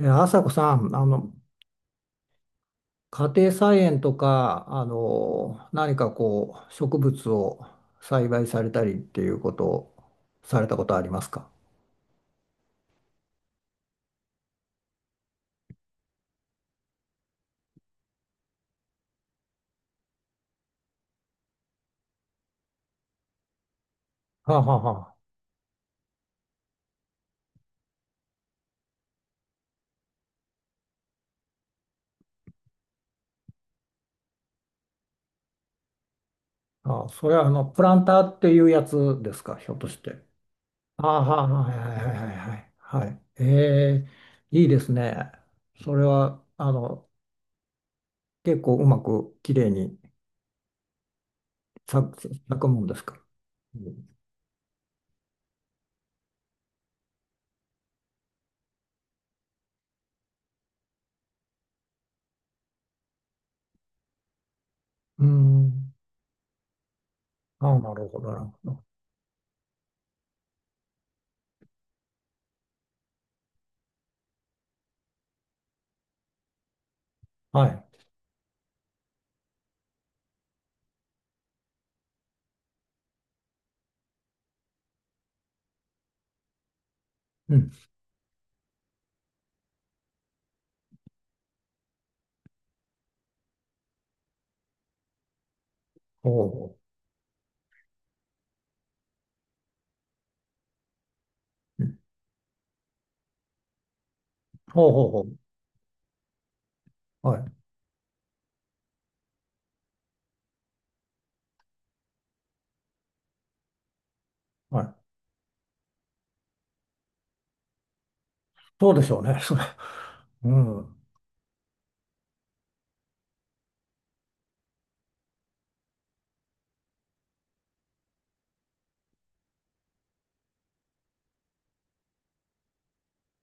朝子さん、家庭菜園とか、何か植物を栽培されたりっていうことをされたことありますか？はあはあはあ。あ、それはプランターっていうやつですか、ひょっとして。ああ、はいはいはいはいはい。はい。ええ、いいですね。それは、結構うまくきれいに咲く、咲くもんですか。うん。うーん。ああ、なるほど、なるほど。はい。うん。ほうほう。うん。ほうほうほう。はい。はい。そうでしょうね。それ。うん。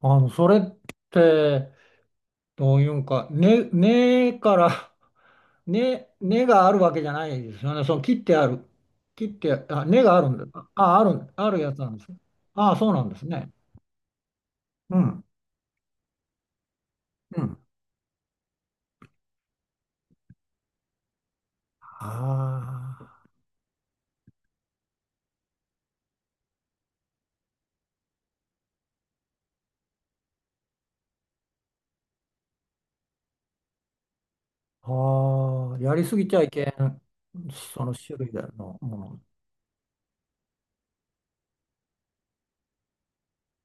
それって、どういうんか、根から根があるわけじゃないですよね。その切ってある。切って、あ、根があるんだ。あ、あるやつなんですよ。あ、そうなんですね。うん。うん。ああー、やりすぎちゃいけん、その種類のもの。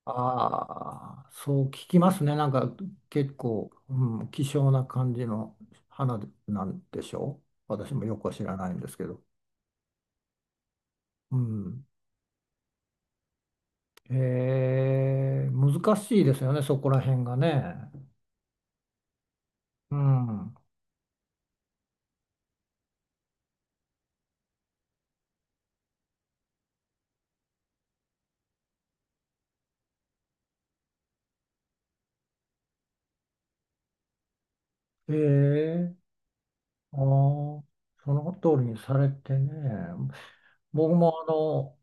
ああ、そう聞きますね。なんか結構、うん、希少な感じの花なんでしょう。私もよくは知らないんですけど。うん。へえ、難しいですよね、そこら辺がね。うん。ええ。ああ、その通りにされてね。僕も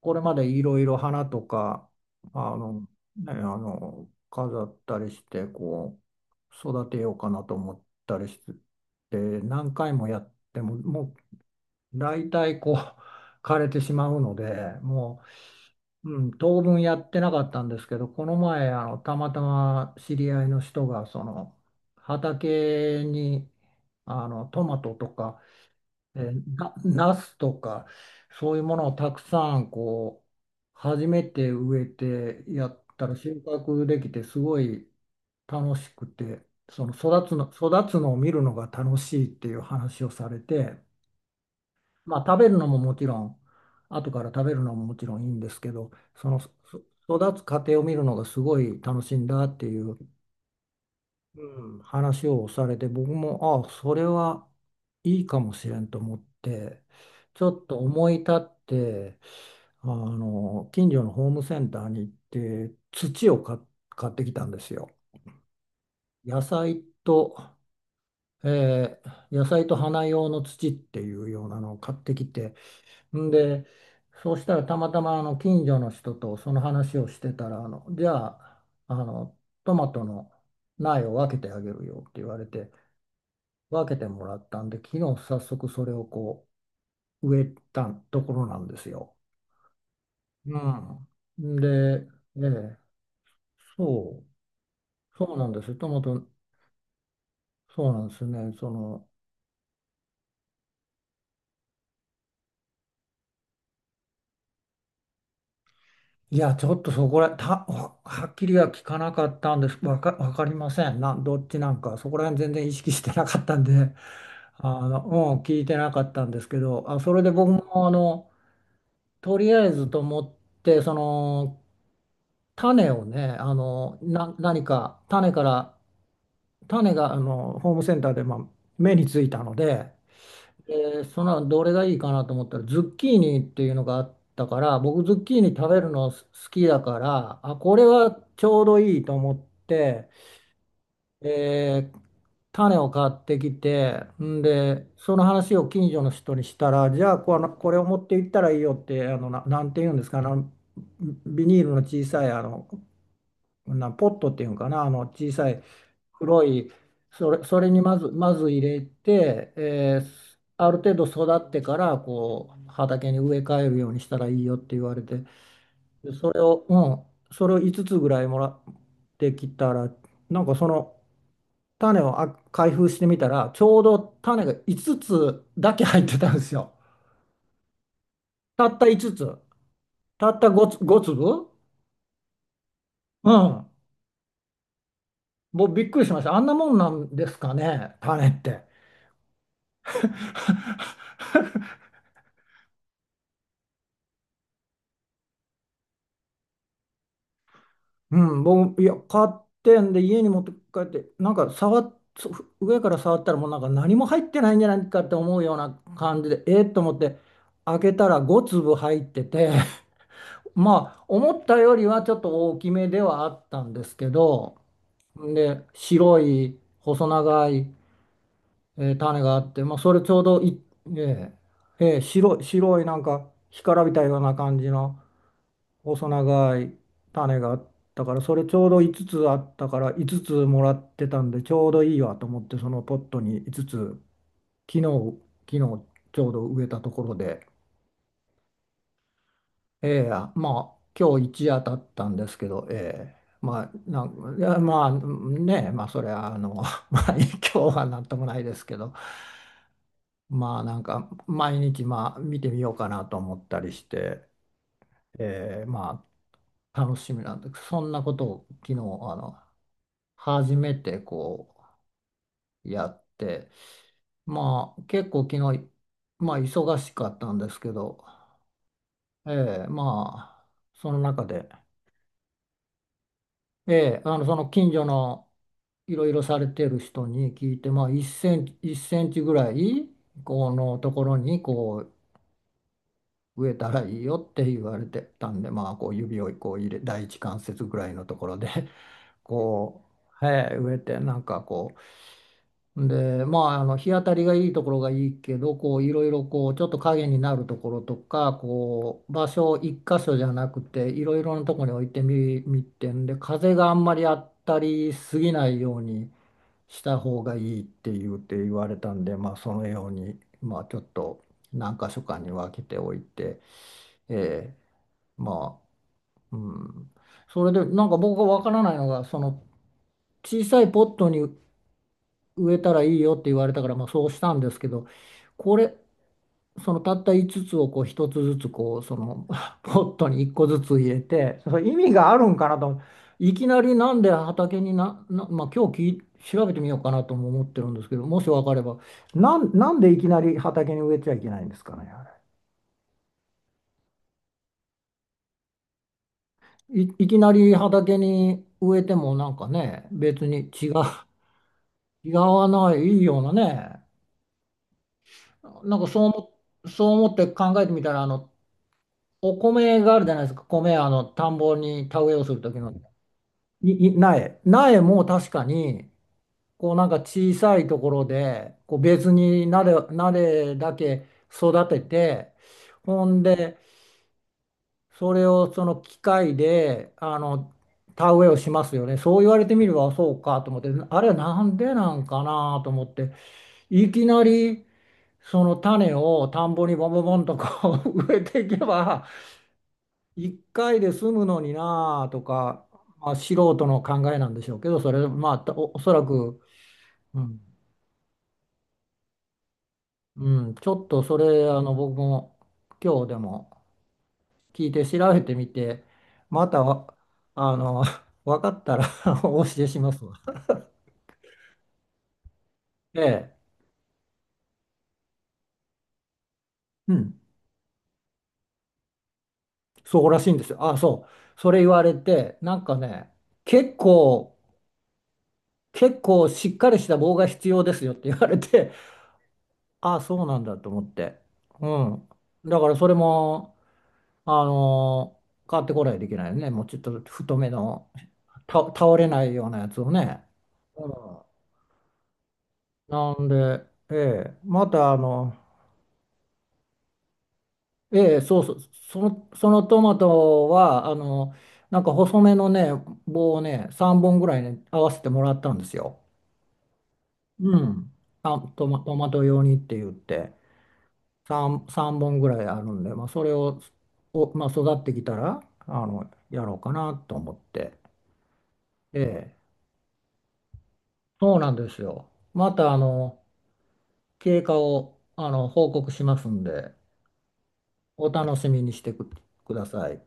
これまでいろいろ花とか、あの、飾ったりして、育てようかなと思ったりして、何回もやっても、もう大体枯れてしまうので、もうん、当分やってなかったんですけど、この前、たまたま知り合いの人が、その、畑に、トマトとか、えーな、ナスとか、そういうものをたくさん、初めて植えてやったら収穫できて、すごい楽しくて、その育つのを見るのが楽しいっていう話をされて、まあ、食べるのももちろん、後から食べるのももちろんいいんですけど、その育つ過程を見るのがすごい楽しいんだっていう、うん、話をされて、僕も、ああ、それはいいかもしれんと思って、ちょっと思い立って、近所のホームセンターに行って、土を買ってきたんですよ。野菜と、野菜と花用の土っていうようなのを買ってきて、んで、そうしたらたまたま近所の人とその話をしてたら、じゃあ、あの、トマトの苗を分けてあげるよって言われて、分けてもらったんで、昨日早速それを植えたところなんですよ。うん。で、ええ、そそうなんです。トマト、そうなんですね。その、いや、ちょっとそこら、た、ははっきりは聞かなかったんです。わかりません。どっちなんか、そこら辺全然意識してなかったんで。あの、うん、聞いてなかったんですけど、あ、それで僕もとりあえずと思って、その、種をね、何か、種から、種が、ホームセンターで、まあ、目についたので、で、その、どれがいいかなと思ったら、ズッキーニっていうのがあったから、僕、ズッキーニ食べるの好きだから、あ、これはちょうどいいと思って、えー種を買ってきて、んで、その話を近所の人にしたら、じゃあこれを持って行ったらいいよって、なんて言うんですか、ビニールの小さい、ポットっていうんかな、小さい黒い、それにまず、まず入れて、ある程度育ってから、畑に植え替えるようにしたらいいよって言われて、でそれを、うん、それを5つつぐらいもらってきたら、なんかその、種を開封してみたら、ちょうど種が5つつだけ入ってたんですよ。たった5つつ。たった5つ、ご粒。うん。もうびっくりしました。あんなもんなんですかね、種って。うん、僕、いや、買ってんで、家に持って帰って、なんか触っ、そ上から触ったら、もうなんか何も入ってないんじゃないかって思うような感じで、思って、開けたら5粒入ってて、まあ、思ったよりはちょっと大きめではあったんですけど、で、白い細長い、種があって、まあ、それちょうどい、えーえー白い、白いなんか干からびたような感じの細長い種があったから、それちょうど5つつあったから5つつもらってたんで、ちょうどいいわと思って、そのポットに5つつ、昨日、昨日ちょうど植えたところで、ええ、まあ、今日一夜経ったんですけど、ええ、まあ、いや、まあ、ねえ、まあ、それは、まあ、今日はなんともないですけど、まあ、なんか、毎日、まあ、見てみようかなと思ったりして、ええ、まあ、楽しみなんです。そんなことを昨日、初めてやって、まあ、結構昨日、まあ、忙しかったんですけど、ええ、まあ、その中で、ええ、その近所の、いろいろされてる人に聞いて、まあ、1センチぐらいこのところに植えたらいいよって言われてたんで、まあ、指を入れ、第一関節ぐらいのところで、 こう、はい、植えて、なんかこうで、まあ、日当たりがいいところがいいけど、こういろいろ、こうちょっと影になるところとか、こう場所を一箇所じゃなくて、いろいろなところに置いてみて、んで、風があんまり当たりすぎないように。した方がいいって言うて言われたんで、まあ、そのように、まあ、ちょっと何箇所かに分けておいて、ええ、まあ、うん、それでなんか僕が分からないのが、その小さいポットに植えたらいいよって言われたから、まあ、そうしたんですけど、これ、そのたった5つつをこう1つずつこうその ポットに1個ずつ入れて、それ意味があるんかなと。いきなり、なんで畑にまあ、今日調べてみようかなとも思ってるんですけど、もし分かれば、なんでいきなり畑に植えちゃいけないんですかね。あれい、いきなり畑に植えてもなんかね、別に違う、 違わない、いいようなね。なんかそう思って考えてみたら、お米があるじゃないですか。あの田んぼに田植えをする時の。苗。苗も確かに、こうなんか小さいところで、こう別に苗だけ育てて、ほんで、それをその機械で、田植えをしますよね。そう言われてみればそうかと思って、あれはなんでなんかなと思って、いきなりその種を田んぼにボンボンボンとこう 植えていけば、一回で済むのになあとか、まあ、素人の考えなんでしょうけど、それ、まあ、おそらく、うん。うん、ちょっとそれ、僕も今日でも聞いて調べてみて、またわ、あの、分かったら お教えしますわ。ええ、うん、そうらしいんですよ。あ、そう、それ言われて、なんかね、結構、結構しっかりした棒が必要ですよって言われて、あ、そうなんだと思って。うん。だからそれも、あのー買ってこないといけないよね。もうちょっと太めの、倒れないようなやつをね。うん。なんで、ええ、またええ、そうそう、そのトマトは、なんか細めのね、棒をね、3本ぐらいね、合わせてもらったんですよ。うん。あ、トマト用にって言って、3、三本ぐらいあるんで、まあ、それを、お、まあ、育ってきたら、やろうかなと思って。ええ、そうなんですよ。また、経過を、報告しますんで、お楽しみにしてください。